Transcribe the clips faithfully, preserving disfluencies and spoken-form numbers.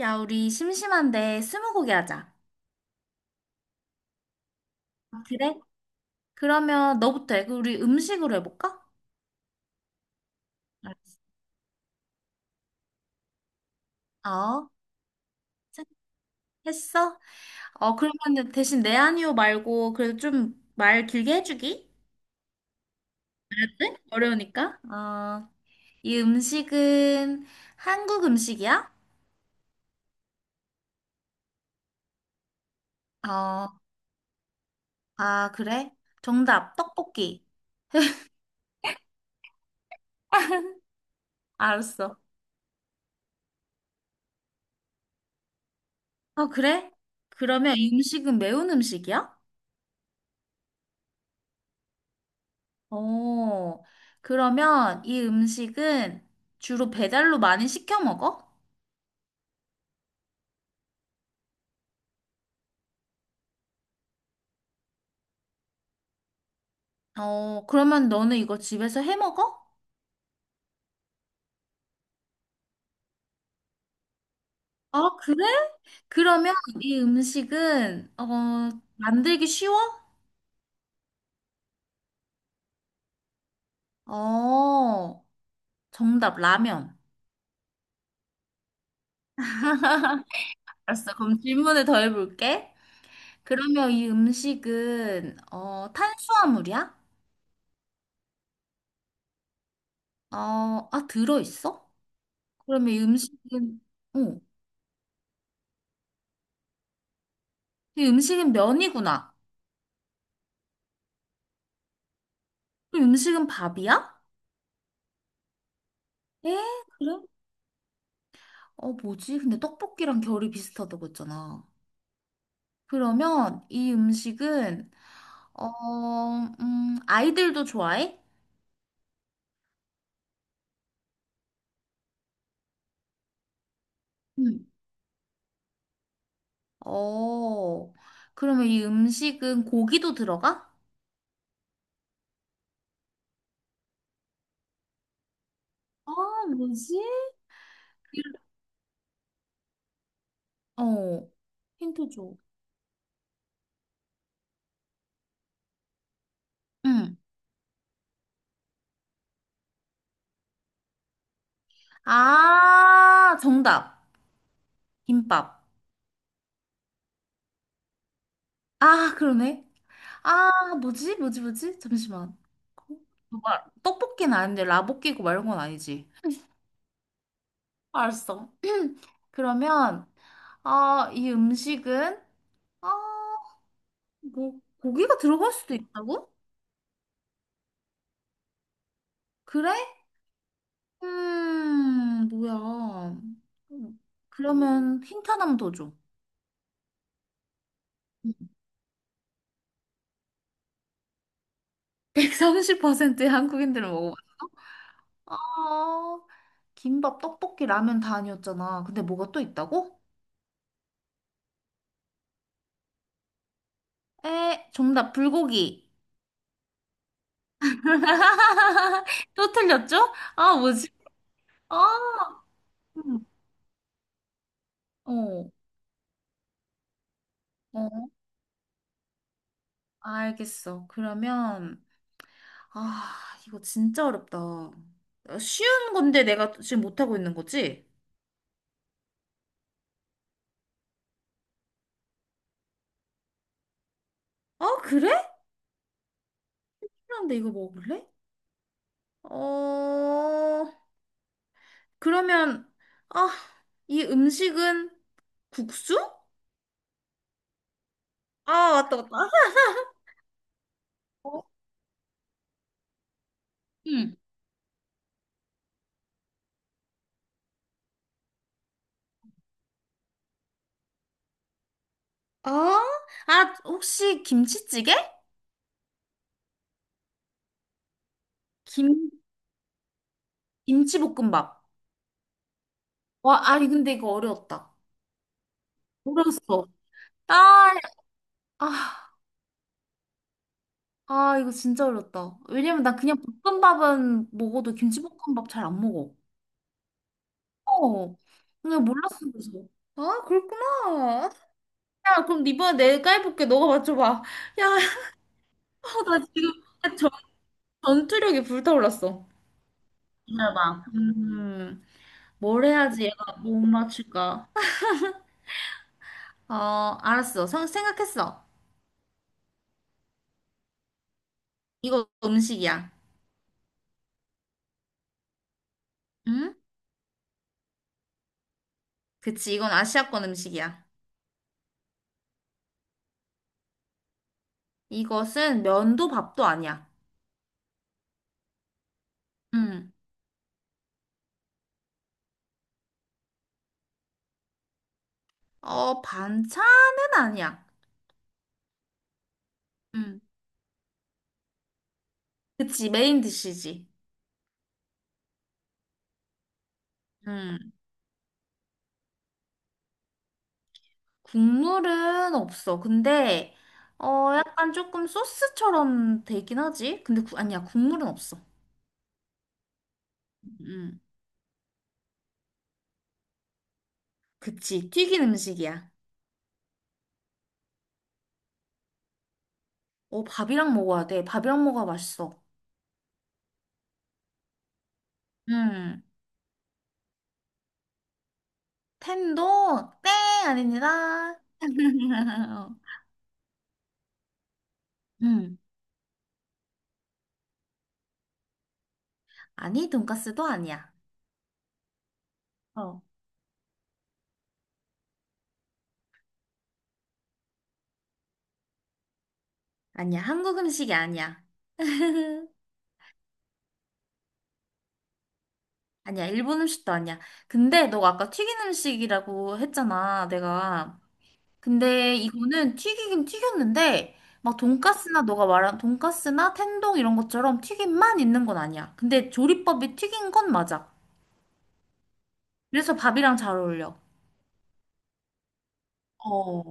야, 우리 심심한데 스무고개 하자. 아, 그래? 그러면 너부터 해. 그 우리 음식으로 해볼까? 알았어. 어, 했어? 어, 그러면 대신 내 아니오 말고 그래도 좀 말 길게 해주기? 그래? 어려우니까. 어, 이 음식은 한국 음식이야? 어, 아, 그래? 정답, 떡볶이. 알았어. 어, 그래? 그러면 이 음식은 매운 음식이야? 어, 그러면 이 음식은 주로 배달로 많이 시켜 먹어? 어, 그러면 너는 이거 집에서 해 먹어? 아, 그래? 그러면 이 음식은, 어, 만들기 쉬워? 어, 정답, 라면. 알았어. 그럼 질문을 더 해볼게. 그러면 이 음식은, 어, 탄수화물이야? 어, 아, 들어있어? 그러면 이 음식은, 어, 이 음식은 면이구나. 그럼 음식은 밥이야? 에? 그래? 어, 뭐지? 근데 떡볶이랑 결이 비슷하다고 했잖아. 그러면 이 음식은, 어, 음, 아이들도 좋아해? 응. 어, 그러면 이 음식은 고기도 들어가? 아, 뭐지? 어, 힌트 줘. 응. 아, 정답. 김밥. 아, 그러네. 아, 뭐지? 뭐지? 뭐지? 잠시만. 뭐 말- 떡볶이는 아닌데, 라볶이고 말이건 아니지. 알았어. 그러면, 아, 이 음식은, 아, 뭐, 고기가 들어갈 수도 있다고? 그래? 음, 뭐야. 음, 그러면 힌트 하나만 더 줘. 백삼십 퍼센트의 한국인들은 먹어봤어. 아, 김밥, 떡볶이, 라면 다 아니었잖아. 근데 뭐가 또 있다고? 에, 정답, 불고기. 또 틀렸죠? 아, 뭐지? 아, 음, 어, 어. 알겠어. 그러면, 아, 이거 진짜 어렵다. 어, 쉬운 건데 내가 지금 못하고 있는 거지? 어? 그래? 그런데 이거 먹을래? 어, 그러면, 아, 이 음식은 국수? 아, 맞다, 맞다. 어? 응. 아, 아, 혹시 김치찌개? 김, 김치볶음밥. 와, 아니, 근데 이거 어려웠다. 어려웠어. 아, 아. 아, 이거 진짜 어렵다. 왜냐면 나 그냥 볶음밥은 먹어도 김치볶음밥 잘 안 먹어. 어. 그냥 몰랐어, 그래서. 아, 그렇구나. 야, 그럼 이번에 내가 해볼게. 너가 맞춰봐. 야, 나 지금 전, 전투력이 불타올랐어. 기다려봐. 음, 뭘 해야지 얘가 못 맞출까? 어, 알았어. 성, 생각했어. 이거 음식이야. 응? 그치, 이건 아시아권 음식이야. 이것은 면도 밥도 아니야. 응. 어, 반찬은 아니야. 응. 그치, 메인 디시지. 응. 국물은 없어. 근데, 어, 약간 조금 소스처럼 되긴 하지. 근데, 구, 아니야, 국물은 없어. 응. 그치, 튀긴 음식이야. 어, 밥이랑 먹어야 돼. 밥이랑 먹어야 맛있어. 응. 텐도, 네, 아닙니다. 응. 아니, 돈까스도 아니야. 어. 아니야, 한국 음식이 아니야. 아니야, 일본 음식도 아니야. 근데 너가 아까 튀긴 음식이라고 했잖아, 내가. 근데 이거는 튀기긴 튀겼는데, 막 돈까스나 너가 말한 돈까스나 텐동 이런 것처럼 튀김만 있는 건 아니야. 근데 조리법이 튀긴 건 맞아. 그래서 밥이랑 잘 어울려. 어.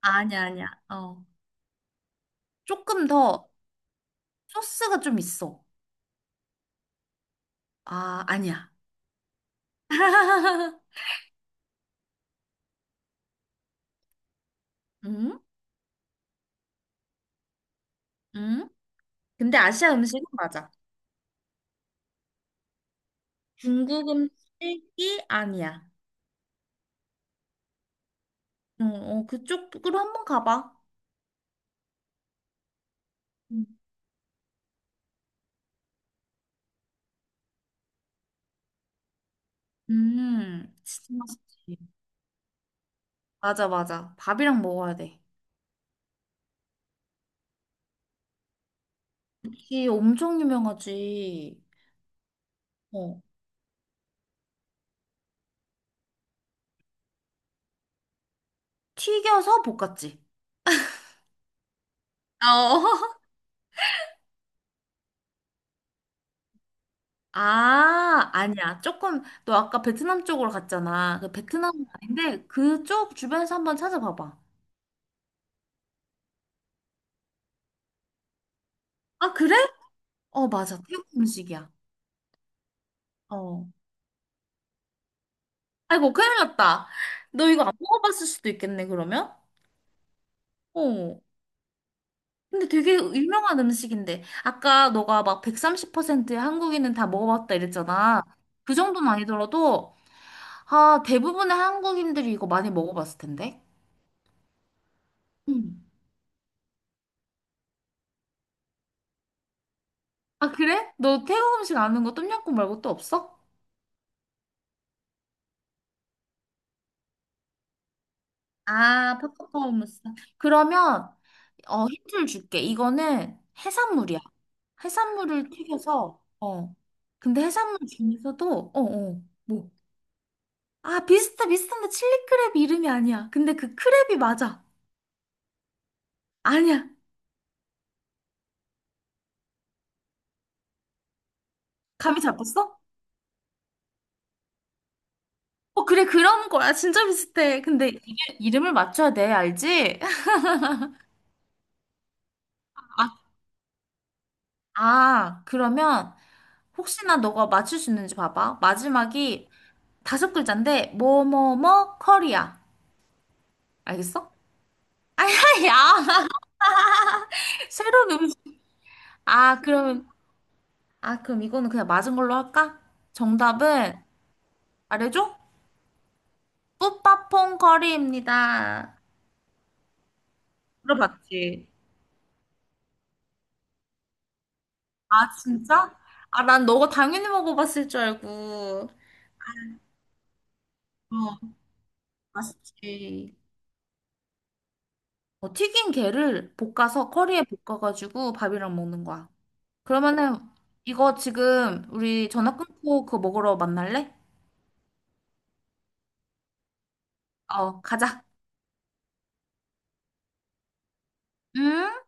아니야, 아니야. 어. 조금 더 소스가 좀 있어. 아, 아니야. 응? 응? 근데 아시아 음식은 맞아. 중국 음식이 아니야. 어, 어, 그쪽으로 한번 가봐. 음, 음, 진짜 맛있지. 맞아, 맞아. 밥이랑 먹어야 돼. 이 엄청 유명하지. 어, 튀겨서 볶았지. 어. 아, 아니야. 조금, 너 아까 베트남 쪽으로 갔잖아. 그 베트남은 아닌데, 그쪽 주변에서 한번 찾아봐봐. 아, 그래? 어, 맞아. 태국 음식이야. 어. 아이고, 큰일 났다. 너 이거 안 먹어봤을 수도 있겠네, 그러면? 어. 근데 되게 유명한 음식인데 아까 너가 막 백삼십 퍼센트의 한국인은 다 먹어봤다 이랬잖아. 그 정도는 아니더라도 아 대부분의 한국인들이 이거 많이 먹어봤을 텐데. 음. 아 그래? 너 태국 음식 아는 거 똠양꿍 말고 또 없어? 아, 팝콘무스. 그러면 어 힌트를 줄게. 이거는 해산물이야. 해산물을 튀겨서 어. 근데 해산물 중에서도 어어 아, 비슷해, 비슷한데 칠리크랩 이름이 아니야. 근데 그 크랩이 맞아. 아니야. 감이 잡혔어? 어, 그래, 그런 거야. 진짜 비슷해. 근데 이게 이름을 맞춰야 돼, 알지? 아, 아, 그러면 혹시나 너가 맞출 수 있는지 봐봐. 마지막이 다섯 글자인데, 뭐뭐뭐 커리야. 알겠어? 아야, 야 새로운 음식. 아, 그러면, 아, 그럼 이거는 그냥 맞은 걸로 할까? 정답은, 말해줘? 뿌빠퐁 커리입니다. 들어봤지? 아, 진짜? 아, 난 너가 당연히 먹어봤을 줄 알고. 어, 맛있지. 어, 튀긴 게를 볶아서 커리에 볶아가지고 밥이랑 먹는 거야. 그러면은 이거 지금 우리 전화 끊고 그거 먹으러 만날래? 어, 가자. 음.